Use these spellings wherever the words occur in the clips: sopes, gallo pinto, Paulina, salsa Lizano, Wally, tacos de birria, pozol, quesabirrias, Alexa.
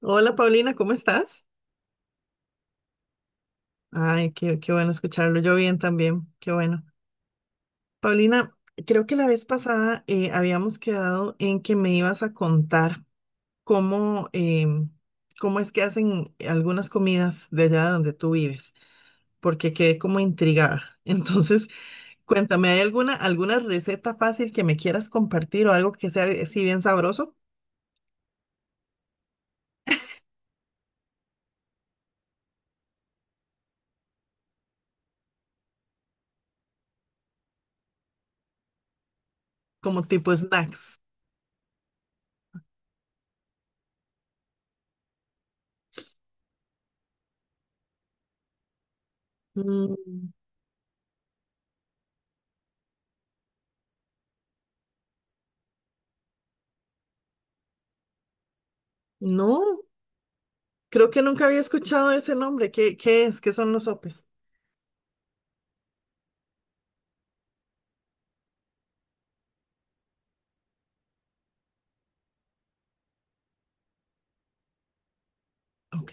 Hola Paulina, ¿cómo estás? Ay, qué bueno escucharlo. Yo bien también, qué bueno. Paulina, creo que la vez pasada habíamos quedado en que me ibas a contar cómo, cómo es que hacen algunas comidas de allá donde tú vives, porque quedé como intrigada. Entonces, cuéntame, ¿hay alguna receta fácil que me quieras compartir o algo que sea así bien sabroso, como tipo snacks? Mm, no, creo que nunca había escuchado ese nombre. ¿Qué es? ¿Qué son los sopes? Ok.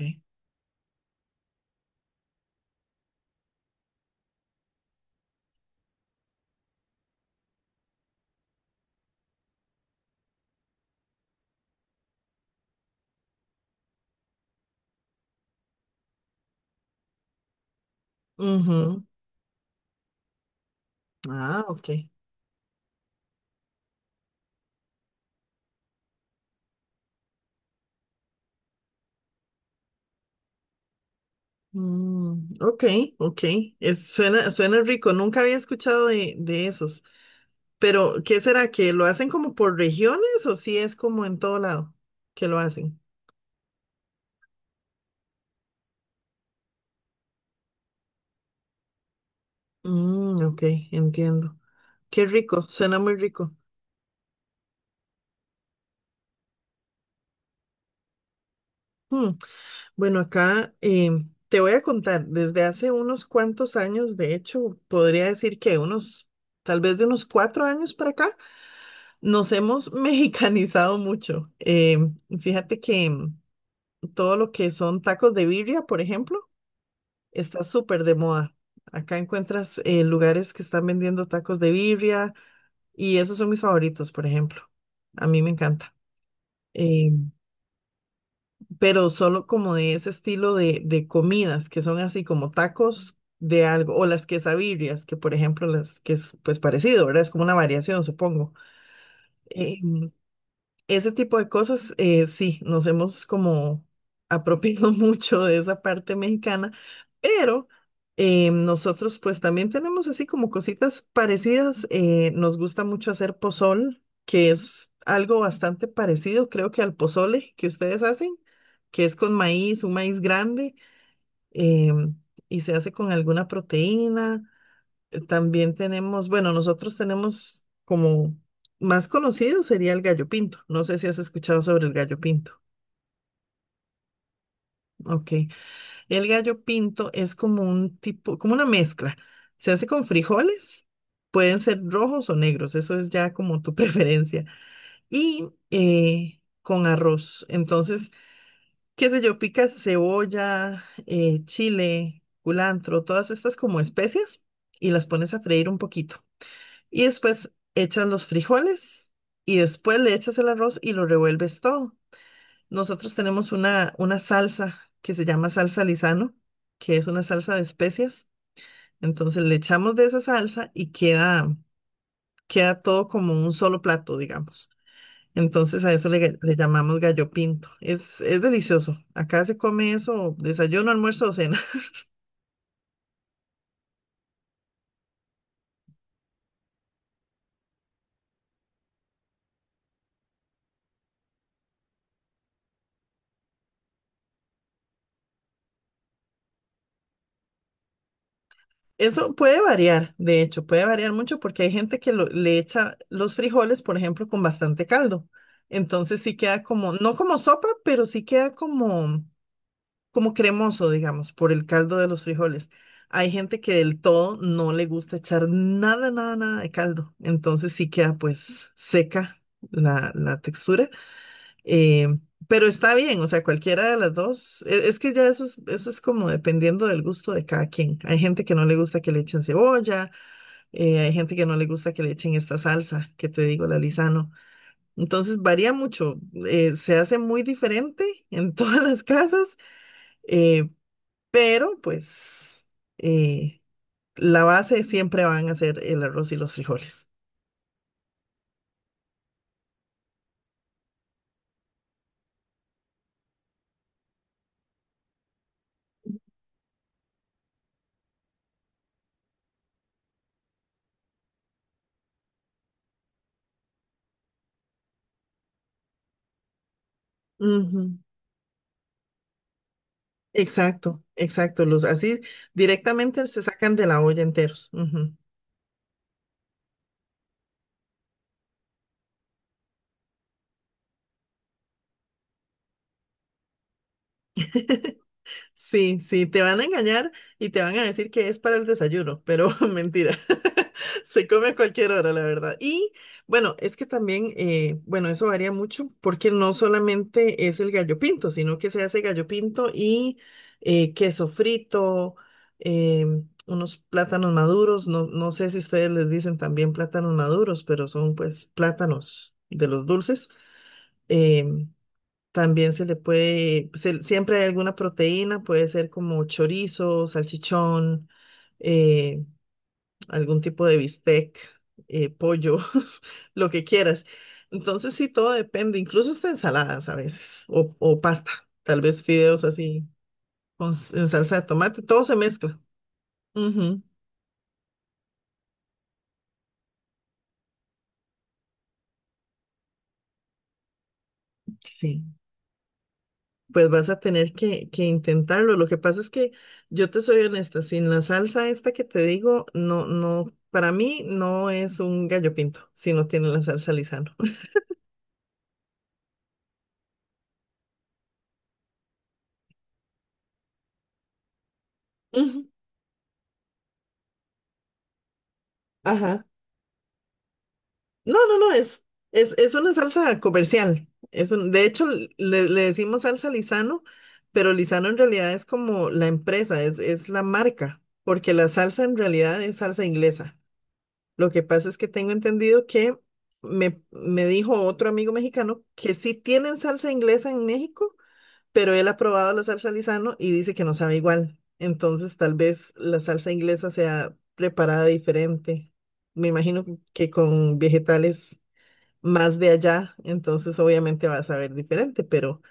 Ujú. Ah, ok. Mm, ok, ok. Es, suena rico. Nunca había escuchado de esos. Pero, ¿qué será? ¿Que lo hacen como por regiones o si es como en todo lado que lo hacen? Mm, ok, entiendo. Qué rico, suena muy rico. Hmm, bueno, acá te voy a contar, desde hace unos cuantos años, de hecho, podría decir que unos, tal vez de unos cuatro años para acá. Nos hemos mexicanizado mucho. Fíjate que todo lo que son tacos de birria, por ejemplo, está súper de moda. Acá encuentras lugares que están vendiendo tacos de birria y esos son mis favoritos, por ejemplo. A mí me encanta. Eh, pero solo como de ese estilo de comidas que son así como tacos de algo o las quesabirrias, que por ejemplo las que es pues parecido, ¿verdad? Es como una variación, supongo. Eh, Ese tipo de cosas, sí, nos hemos como apropiado mucho de esa parte mexicana, pero nosotros pues también tenemos así como cositas parecidas. Eh, nos gusta mucho hacer pozol, que es algo bastante parecido, creo que al pozole que ustedes hacen, que es con maíz, un maíz grande, em, y se hace con alguna proteína. También tenemos, bueno, nosotros tenemos como más conocido sería el gallo pinto. No sé si has escuchado sobre el gallo pinto. Ok. El gallo pinto es como un tipo, como una mezcla. Se hace con frijoles, pueden ser rojos o negros, eso es ya como tu preferencia. Y con arroz. Entonces, qué sé yo, picas cebolla, chile, culantro, todas estas como especias y las pones a freír un poquito. Y después echas los frijoles y después le echas el arroz y lo revuelves todo. Nosotros tenemos una salsa que se llama salsa Lizano, que es una salsa de especias. Entonces le echamos de esa salsa y queda, queda todo como un solo plato, digamos. Entonces a eso le, le llamamos gallo pinto. Es delicioso. Acá se come eso, desayuno, almuerzo o cena. Eso puede variar, de hecho, puede variar mucho porque hay gente que le echa los frijoles, por ejemplo, con bastante caldo. Entonces sí queda como, no como sopa, pero sí queda como, como cremoso, digamos, por el caldo de los frijoles. Hay gente que del todo no le gusta echar nada, nada, nada de caldo. Entonces sí queda pues seca la textura. Eh, pero está bien, o sea, cualquiera de las dos. Es, que ya eso es como dependiendo del gusto de cada quien. Hay gente que no le gusta que le echen cebolla, hay gente que no le gusta que le echen esta salsa, que te digo, la Lisano. Entonces varía mucho, se hace muy diferente en todas las casas, eh, pero pues eh, la base siempre van a ser el arroz y los frijoles. Ujú, exacto, exacto. Los así directamente se sacan de la olla enteros. Ujú. Sí, sí, te van a engañar y te van a decir que es para el desayuno, pero mentira. Se come a cualquier hora, la verdad. Y bueno, es que también, bueno, eso varía mucho porque no solamente es el gallo pinto, sino que se hace gallo pinto y queso frito, eh, unos plátanos maduros. No, no sé si ustedes les dicen también plátanos maduros, pero son pues plátanos de los dulces. Eh, también se le puede, siempre hay alguna proteína, puede ser como chorizo, salchichón, eh, algún tipo de bistec, pollo, lo que quieras. Entonces sí, todo depende, incluso hasta ensaladas a veces, o pasta, tal vez fideos así, con, en salsa de tomate, todo se mezcla. Ujú, sí. Pues vas a tener que intentarlo. Lo que pasa es que yo te soy honesta, sin la salsa esta que te digo, no, no, para mí no es un gallo pinto si no tiene la salsa Lizano. Ujú, ajá. No, no, no, es una salsa comercial. Es un, de hecho, le, le decimos salsa Lizano, pero Lizano en realidad es como la empresa, es la marca, porque la salsa en realidad es salsa inglesa. Lo que pasa es que tengo entendido que me dijo otro amigo mexicano que sí tienen salsa inglesa en México, pero él ha probado la salsa Lizano y dice que no sabe igual. Entonces, tal vez la salsa inglesa sea preparada diferente. Me imagino que con vegetales más de allá, entonces obviamente va a saber diferente,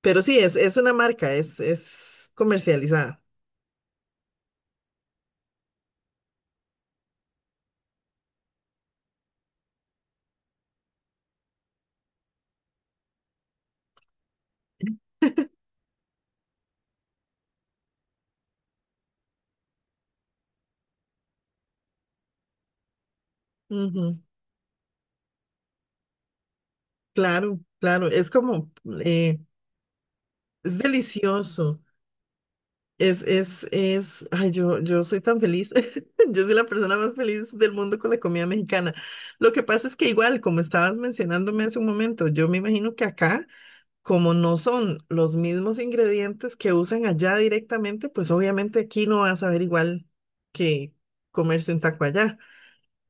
pero sí, es una marca, es comercializada. Ujú, claro, claro, es como, eh, es delicioso. Es, ay, yo soy tan feliz. Yo soy la persona más feliz del mundo con la comida mexicana. Lo que pasa es que igual, como estabas mencionándome hace un momento, yo me imagino que acá, como no son los mismos ingredientes que usan allá directamente, pues obviamente aquí no vas a ver igual que comerse un taco allá.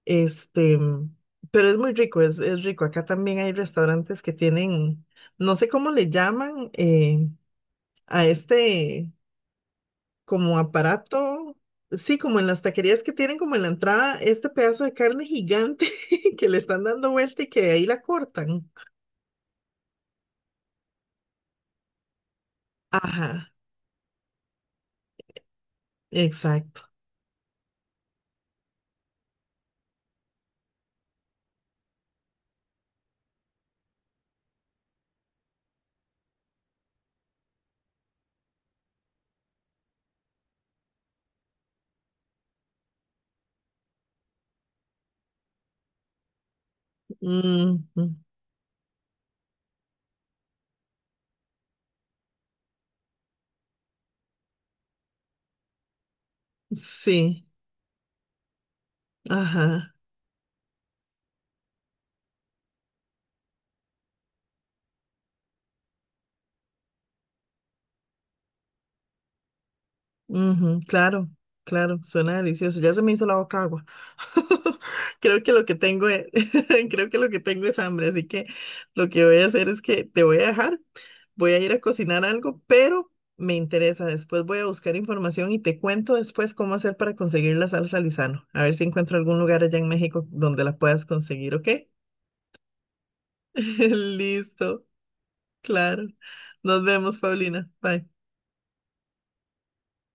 Este, pero es muy rico, es rico. Acá también hay restaurantes que tienen, no sé cómo le llaman, a este como aparato, sí, como en las taquerías que tienen como en la entrada este pedazo de carne gigante que le están dando vuelta y que de ahí la cortan. Ajá, exacto. Mm, mm, sí, ajá. Ujú, claro, claro, suena delicioso. Ya se me hizo la boca agua. Creo que lo que tengo es, creo que lo que tengo es hambre, así que lo que voy a hacer es que te voy a dejar, voy a ir a cocinar algo, pero me interesa. Después voy a buscar información y te cuento después cómo hacer para conseguir la salsa Lizano. A ver si encuentro algún lugar allá en México donde la puedas conseguir, ¿ok? Listo, claro. Nos vemos, Paulina. Bye.